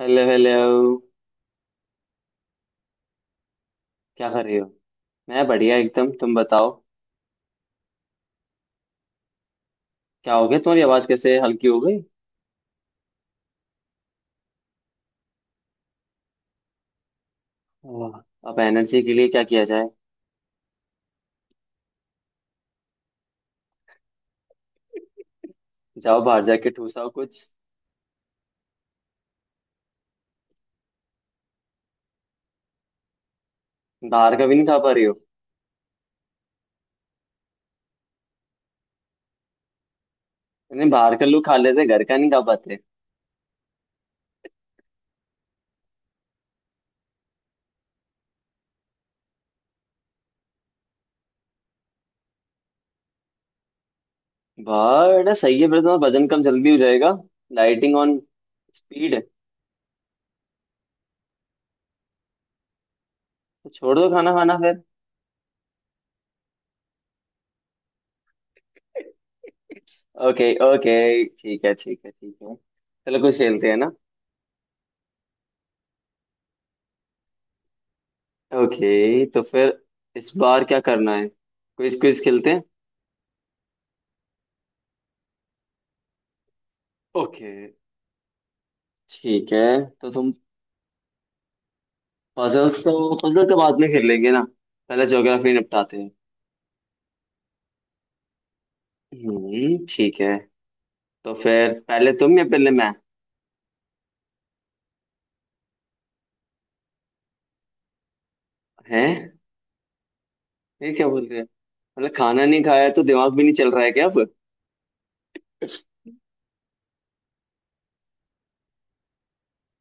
Hello hello. क्या कर रही हो? मैं बढ़िया एकदम, तुम बताओ। क्या हो गया, तुम्हारी आवाज कैसे हल्की हो गई? आह, अब एनर्जी के लिए क्या किया जाए? जाओ बाहर जाके ठूसाओ कुछ। बाहर का भी नहीं खा पा रही हो? नहीं, बाहर का लोग खा लेते, घर का नहीं खा पाते। बड़ा सही है, फिर तुम्हारा वजन कम जल्दी हो जाएगा। Lighting on. स्पीड। तो छोड़ दो खाना खाना फिर। Okay okay. ठीक है ठीक है ठीक है, चलो कुछ खेलते हैं ना। ओके तो फिर इस बार क्या करना है? क्विज क्विज खेलते हैं? ओके ठीक है। तो तुम पजल्स तो पजल तो बाद में खेल लेंगे ना, पहले ज्योग्राफी निपटाते हैं। हम्म, ठीक है। तो फिर पहले तुम या पहले मैं? हैं? ये क्या बोल रहे हैं? मतलब खाना नहीं खाया तो दिमाग भी नहीं चल रहा है क्या अब?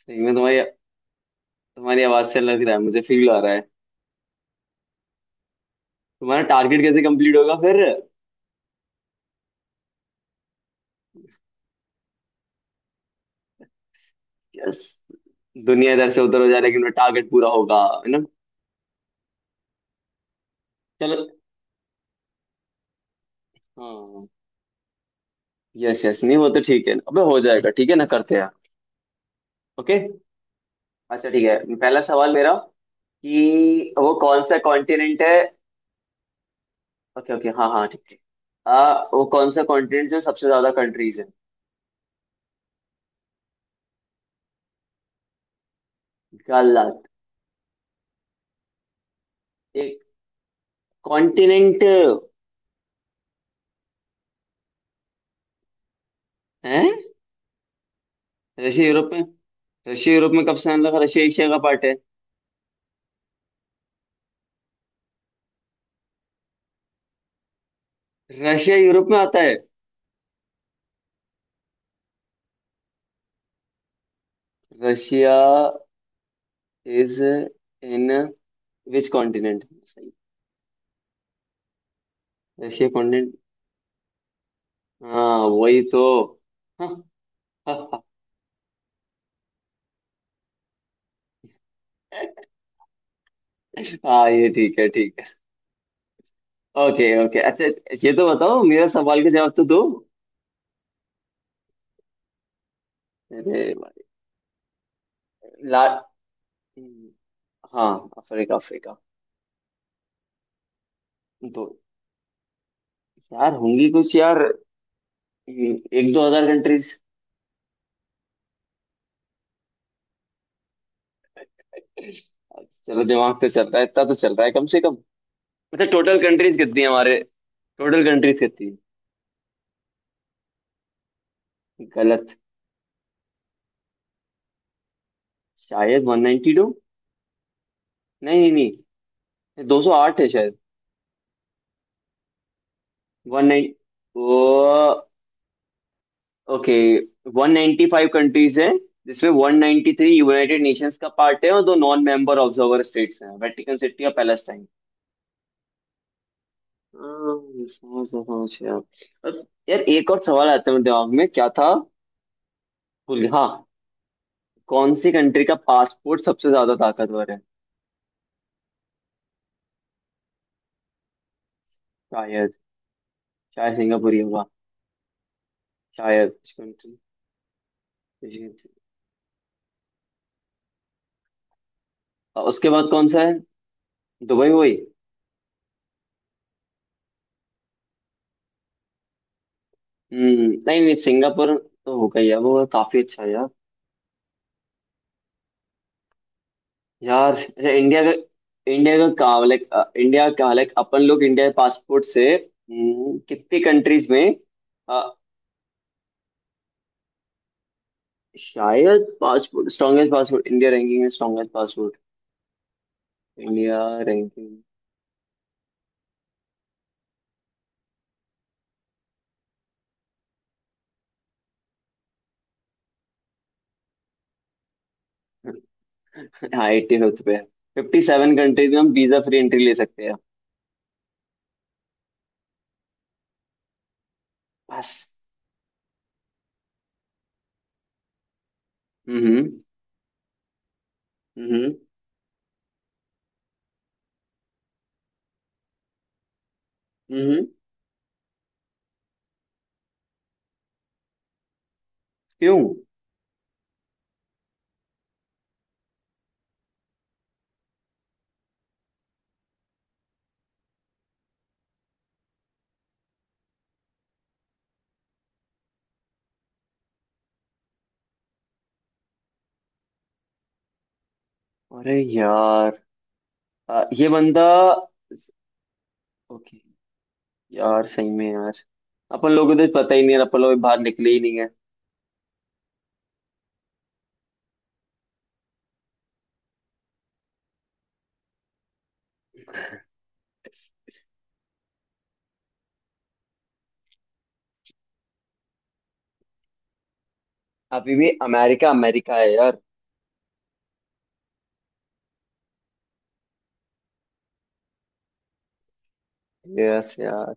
सही में तुम्हारी तुम्हारी आवाज से लग रहा है, मुझे फील आ रहा है। तुम्हारा टारगेट कैसे कंप्लीट होगा फिर? यस, दुनिया इधर से उधर हो जाए लेकिन टारगेट पूरा होगा, है ना? चलो। हाँ, यस यस, नहीं वो तो ठीक है, अबे हो जाएगा ठीक है ना, करते हैं। ओके। अच्छा ठीक है, पहला सवाल मेरा कि वो कौन सा कॉन्टिनेंट है। ओके ओके, हाँ हाँ ठीक है। वो कौन सा कॉन्टिनेंट जो सबसे ज्यादा कंट्रीज है? गलत। एक कॉन्टिनेंट है। रशिया यूरोप में? रशिया यूरोप में कब से आने लगा, रशिया एशिया का पार्ट है। रशिया यूरोप में आता है? Russia is in which continent, सही। Russia continent. हाँ वही तो। हाँ। हाँ। हाँ, ये ठीक है ठीक है। Okay okay. अच्छा, ये तो बताओ, मेरा सवाल का जवाब तो दो। अरे भाई, ला। हाँ, अफ्रीका अफ्रीका। तो यार होंगी कुछ यार, एक दो हजार कंट्रीज। चलो दिमाग तो चल रहा है, इतना तो चल रहा है कम से कम। मतलब टोटल कंट्रीज कितनी है हमारे? टोटल कंट्रीज कितनी है? गलत। शायद वन नाइनटी टू। नहीं नहीं नहीं, दो सौ आठ है शायद। One nine oh. Okay. 195 countries हैं जिसमें 193 यूनाइटेड नेशंस का पार्ट है, और दो नॉन मेंबर ऑब्जर्वर स्टेट्स हैं, वेटिकन सिटी और पैलेस्टाइन। हाँ, समझ गया, समझ गया। अब यार एक और सवाल आता है, मेरे दिमाग में क्या था, भूल गया। हाँ, कौन सी कंट्री का पासपोर्ट सबसे ज्यादा ताकतवर है? शायद, शायद सिंगापुर ही होगा। शायद कुछ country, कुछ country। और उसके बाद कौन सा है, दुबई हुई? हम्म। नहीं नहीं, सिंगापुर तो होगा ही है, वो काफी अच्छा है। यार अच्छा, इंडिया का, इंडिया का कहाँ लाइक, इंडिया का लाइक अपन लोग इंडिया पासपोर्ट से, कितनी कंट्रीज में? अ, शायद passport strongest passport India ranking में, स्ट्रॉन्गेस्ट पासपोर्ट इंडिया रैंकिंग। हाँ एट्टी फिफ्थ पे है। फिफ्टी सेवन कंट्रीज में हम वीजा फ्री एंट्री ले सकते हैं। बस। हम्म हम्म हम्म। क्यों? अरे यार, ये बंदा। ओके। यार सही में यार, अपन लोगों को तो पता ही नहीं है, अपन लोग बाहर निकले ही नहीं। अभी भी अमेरिका अमेरिका है यार। यस यार।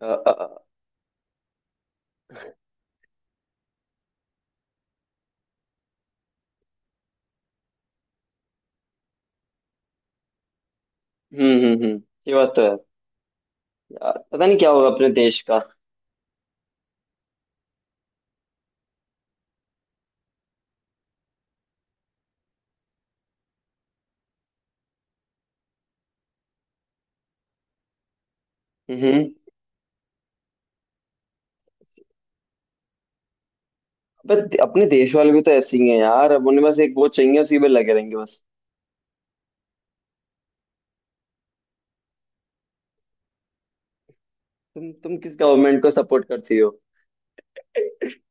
अ, अ, अ, हम्म। ये बात तो है। यार पता नहीं क्या होगा अपने देश का। हम्म। बट अपने देश वाले भी तो ऐसे ही हैं यार, अब उन्हें बस एक वोट चाहिए उसी में लगे रहेंगे बस। तुम किस गवर्नमेंट को सपोर्ट करती हो?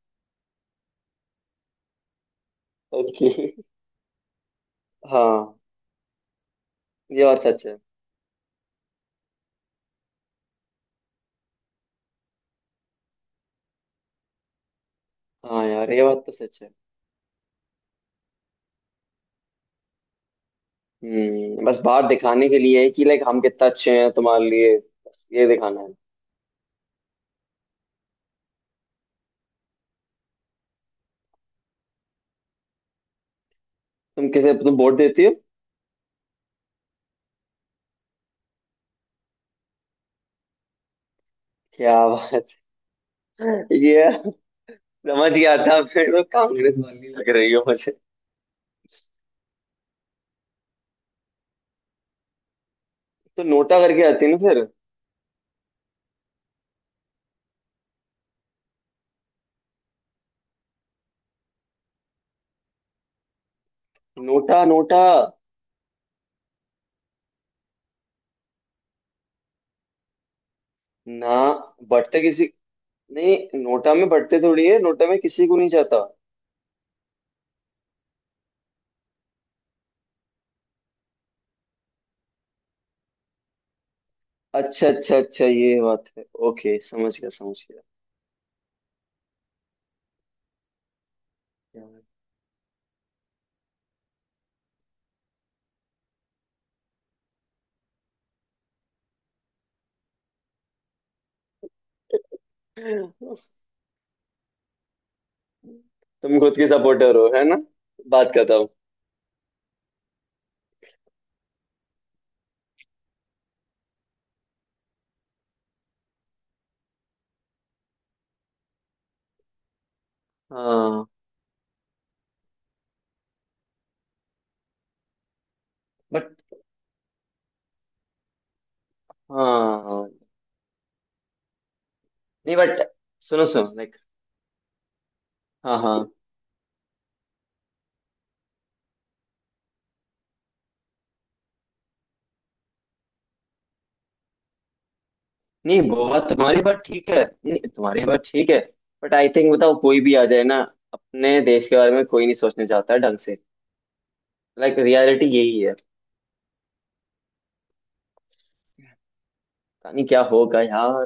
ओके। हाँ। ये बात सच है। हाँ यार ये बात तो सच है। हम्म, बस बाहर दिखाने के लिए है कि लाइक हम कितना अच्छे हैं तुम्हारे लिए, बस ये दिखाना है। तुम वोट देती हो? क्या बात है। ये समझ गया था, फिर वो कांग्रेस वाली लग रही हो मुझे। तो नोटा करके आती है ना फिर? NOTA NOTA. ना। बढ़ते किसी, नहीं नोटा में बढ़ते थोड़ी है, नोटा में किसी को नहीं जाता। अच्छा अच्छा अच्छा, ये बात है, ओके समझ गया समझ गया। तुम खुद की सपोर्टर हो है ना, बात करता हूँ। हाँ। बट हाँ, नहीं बट, सुनो सुनो लाइक, हाँ हाँ, नहीं वो बात, तुम्हारी बात ठीक है, नहीं तुम्हारी बात ठीक है। बट आई थिंक, बताओ कोई भी आ जाए ना, अपने देश के बारे में कोई नहीं सोचने चाहता है ढंग से, लाइक रियलिटी यही है। पता नहीं क्या होगा यार।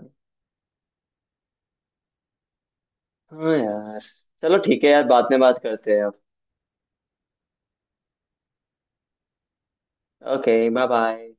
हाँ यार। चलो ठीक है यार, बाद में बात करते हैं अब। Okay bye bye.